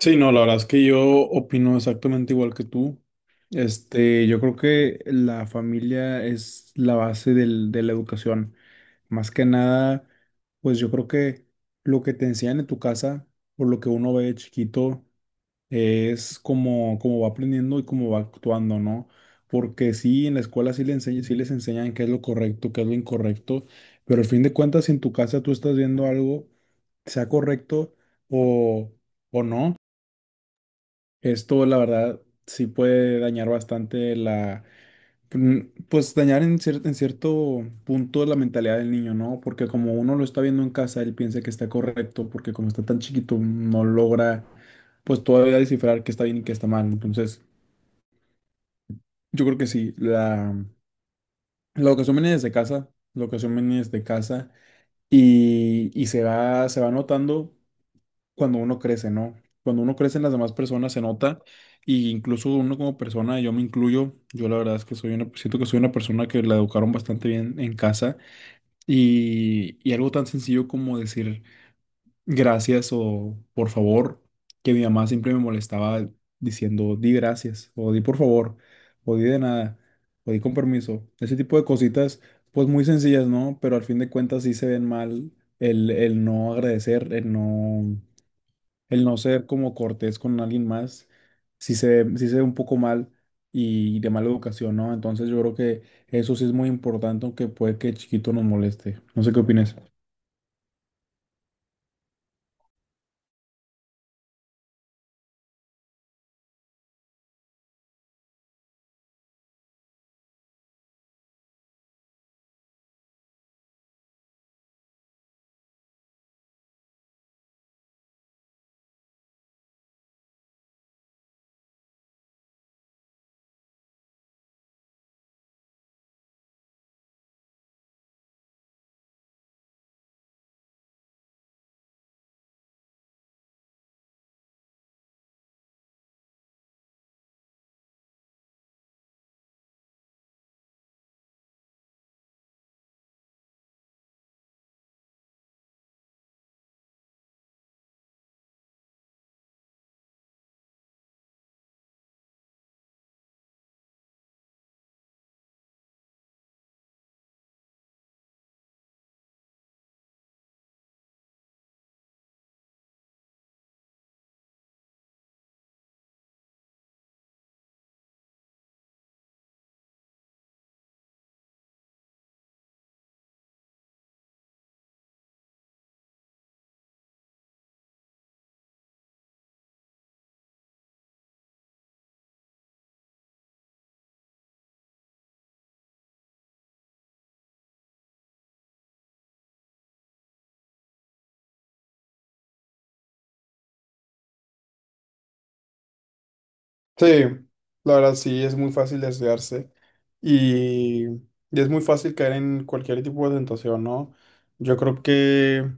Sí, no, la verdad es que yo opino exactamente igual que tú. Yo creo que la familia es la base de la educación. Más que nada, pues yo creo que lo que te enseñan en tu casa, por lo que uno ve de chiquito, es como va aprendiendo y cómo va actuando, ¿no? Porque sí, en la escuela sí, le enseñan, sí les enseñan qué es lo correcto, qué es lo incorrecto, pero al fin de cuentas, si en tu casa tú estás viendo algo, sea correcto o, o no. Esto, la verdad, sí puede dañar bastante la, mm, pues dañar en en cierto punto la mentalidad del niño, ¿no? Porque como uno lo está viendo en casa, él piensa que está correcto, porque como está tan chiquito, no logra, pues todavía descifrar qué está bien y qué está mal. Entonces, yo creo que sí, la educación viene desde casa, la educación viene desde casa y se va, notando cuando uno crece, ¿no? Cuando uno crece en las demás personas se nota, y incluso uno como persona, yo me incluyo, yo la verdad es que soy una, siento que soy una persona que la educaron bastante bien en casa, y algo tan sencillo como decir gracias o por favor, que mi mamá siempre me molestaba diciendo di gracias o di por favor o di de nada o di con permiso, ese tipo de cositas pues muy sencillas, ¿no? Pero al fin de cuentas sí se ven mal el no agradecer, el no ser como cortés con alguien más, sí se ve un poco mal y de mala educación, ¿no? Entonces yo creo que eso sí es muy importante, aunque puede que chiquito nos moleste. No sé qué opinas. Sí, la verdad sí, es muy fácil desviarse, y es muy fácil caer en cualquier tipo de tentación, ¿no? Yo creo que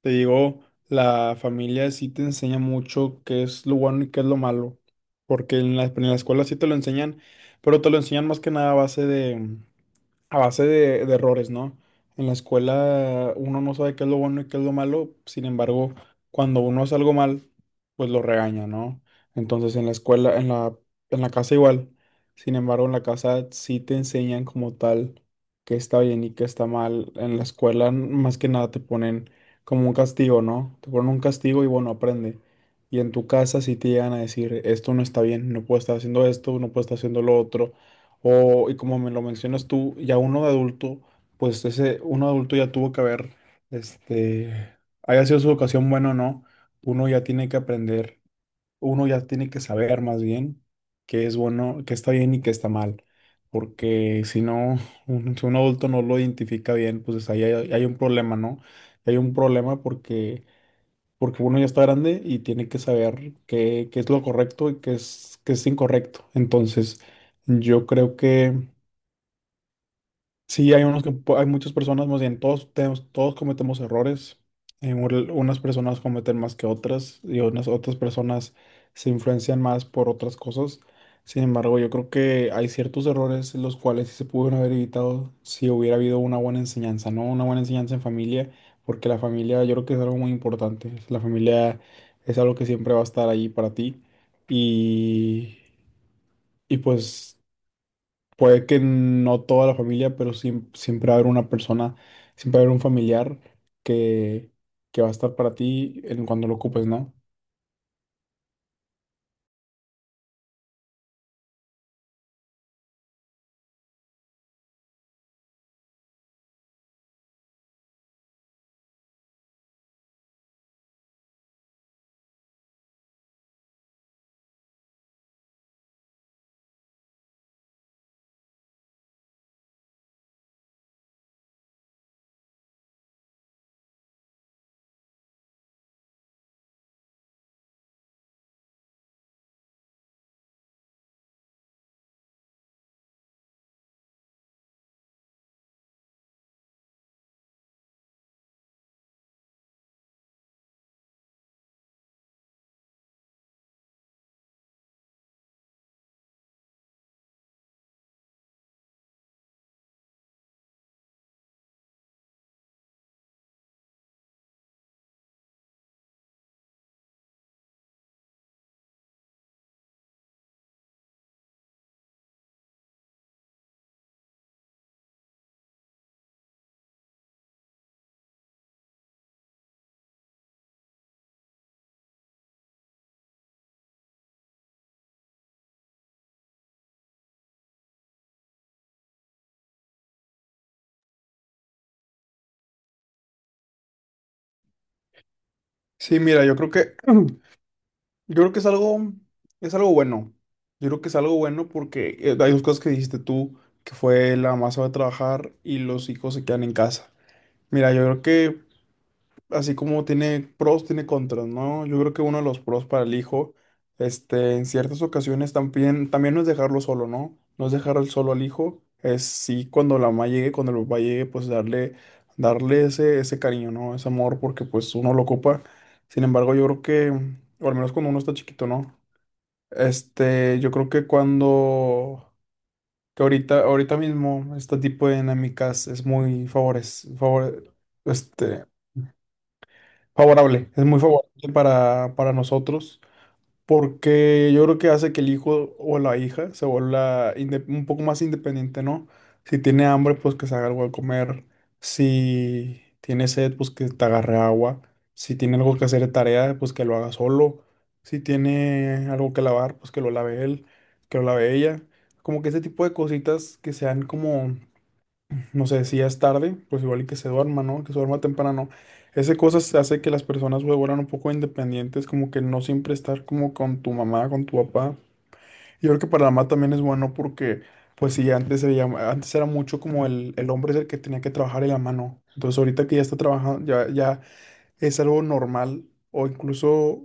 Te digo, la familia sí te enseña mucho qué es lo bueno y qué es lo malo, porque en la escuela sí te lo enseñan, pero te lo enseñan más que nada a base de errores, ¿no? En la escuela uno no sabe qué es lo bueno y qué es lo malo, sin embargo, cuando uno hace algo mal, pues lo regaña, ¿no? Entonces en la casa igual, sin embargo, en la casa sí te enseñan como tal qué está bien y qué está mal. En la escuela más que nada te ponen como un castigo, ¿no? Te ponen un castigo y bueno, aprende. Y en tu casa sí te llegan a decir: esto no está bien, no puedo estar haciendo esto, no puedo estar haciendo lo otro. Y como me lo mencionas tú, ya uno de adulto, pues ese uno de adulto ya tuvo que haber, este, haya sido su educación buena o no, uno ya tiene que aprender, uno ya tiene que saber más bien qué es bueno, qué está bien y qué está mal. Porque si no, si un adulto no lo identifica bien, pues ahí hay un problema, ¿no? Hay un problema porque, uno ya está grande y tiene que saber qué es lo correcto y qué es incorrecto. Entonces, yo creo que sí, hay hay muchas personas, más bien todos tenemos, todos cometemos errores. Unas personas cometen más que otras y unas otras personas se influencian más por otras cosas. Sin embargo, yo creo que hay ciertos errores los cuales sí se pudieron haber evitado si hubiera habido una buena enseñanza, ¿no? Una buena enseñanza en familia, porque la familia yo creo que es algo muy importante. La familia es algo que siempre va a estar ahí para ti, y, y pues puede que no toda la familia, pero siempre va a haber una persona, siempre va a haber un familiar que, que va a estar para ti en cuando lo ocupes, ¿no? Sí, mira, yo creo que es algo, bueno. Yo creo que es algo bueno porque hay dos cosas que dijiste tú, que fue la mamá se va a trabajar y los hijos se quedan en casa. Mira, yo creo que así como tiene pros, tiene contras, ¿no? Yo creo que uno de los pros para el hijo, en ciertas ocasiones también no es dejarlo solo, ¿no? No es dejar al solo al hijo, es sí cuando la mamá llegue, cuando el papá llegue, pues darle, darle ese cariño, ¿no? Ese amor, porque pues uno lo ocupa. Sin embargo, o al menos cuando uno está chiquito, ¿no? Yo creo que ahorita, ahorita mismo, este tipo de dinámicas es muy favores, favore- este, Favorable, es muy favorable para nosotros, porque yo creo que hace que el hijo o la hija se vuelva un poco más independiente, ¿no? Si tiene hambre, pues que se haga algo de comer; si tiene sed, pues que te agarre agua; si tiene algo que hacer de tarea, pues que lo haga solo; si tiene algo que lavar, pues que lo lave él, que lo lave ella. Como que ese tipo de cositas que sean como, no sé, si ya es tarde, pues igual y que se duerma, ¿no? Que se duerma temprano. Ese cosas hace que las personas se vuelvan un poco independientes, como que no siempre estar como con tu mamá, con tu papá. Y yo creo que para la mamá también es bueno porque, pues sí, antes, antes era mucho como el hombre es el que tenía que trabajar y la mano. Entonces ahorita que ya está trabajando, ya, es algo normal, o incluso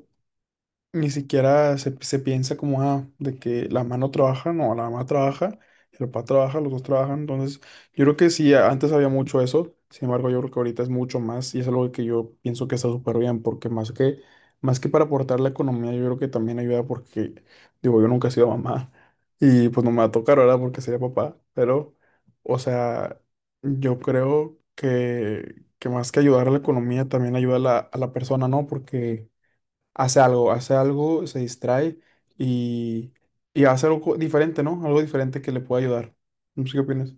ni siquiera se piensa como, ah, de que la mano trabaja, no, la mamá trabaja, el papá trabaja, los dos trabajan. Entonces, yo creo que sí, antes había mucho eso, sin embargo, yo creo que ahorita es mucho más, y es algo que yo pienso que está súper bien, porque más que, para aportar la economía, yo creo que también ayuda porque, digo, yo nunca he sido mamá y pues no me va a tocar ahora porque sería papá, pero, o sea, yo creo que, más que ayudar a la economía, también ayuda a la, persona, ¿no? Porque hace algo, se distrae, y, y hace algo diferente, ¿no? Algo diferente que le pueda ayudar. No sé qué opinas.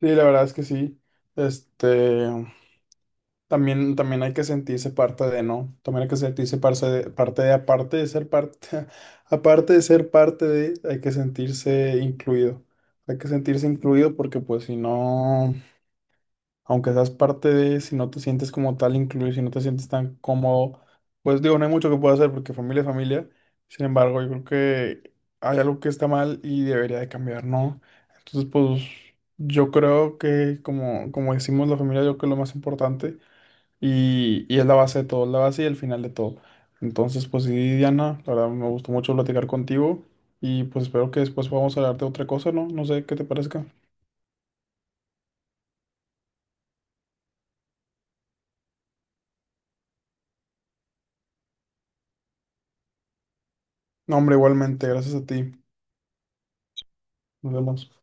Sí, la verdad es que sí. Este, también hay que sentirse parte de, ¿no? También hay que sentirse parte de, aparte de ser parte, aparte de ser parte de, hay que sentirse incluido. Hay que sentirse incluido porque pues si no. Aunque seas parte de, si no te sientes como tal incluido, si no te sientes tan cómodo, pues digo, no hay mucho que pueda hacer porque familia es familia. Sin embargo, yo creo que hay algo que está mal y debería de cambiar, ¿no? Entonces, pues yo creo que, como decimos, la familia, yo creo que es lo más importante, y es la base de todo, es la base y el final de todo. Entonces, pues sí, Diana, la verdad me gustó mucho platicar contigo y pues espero que después podamos hablar de otra cosa, ¿no? No sé qué te parezca. No, hombre, igualmente, gracias a ti. Nos vemos.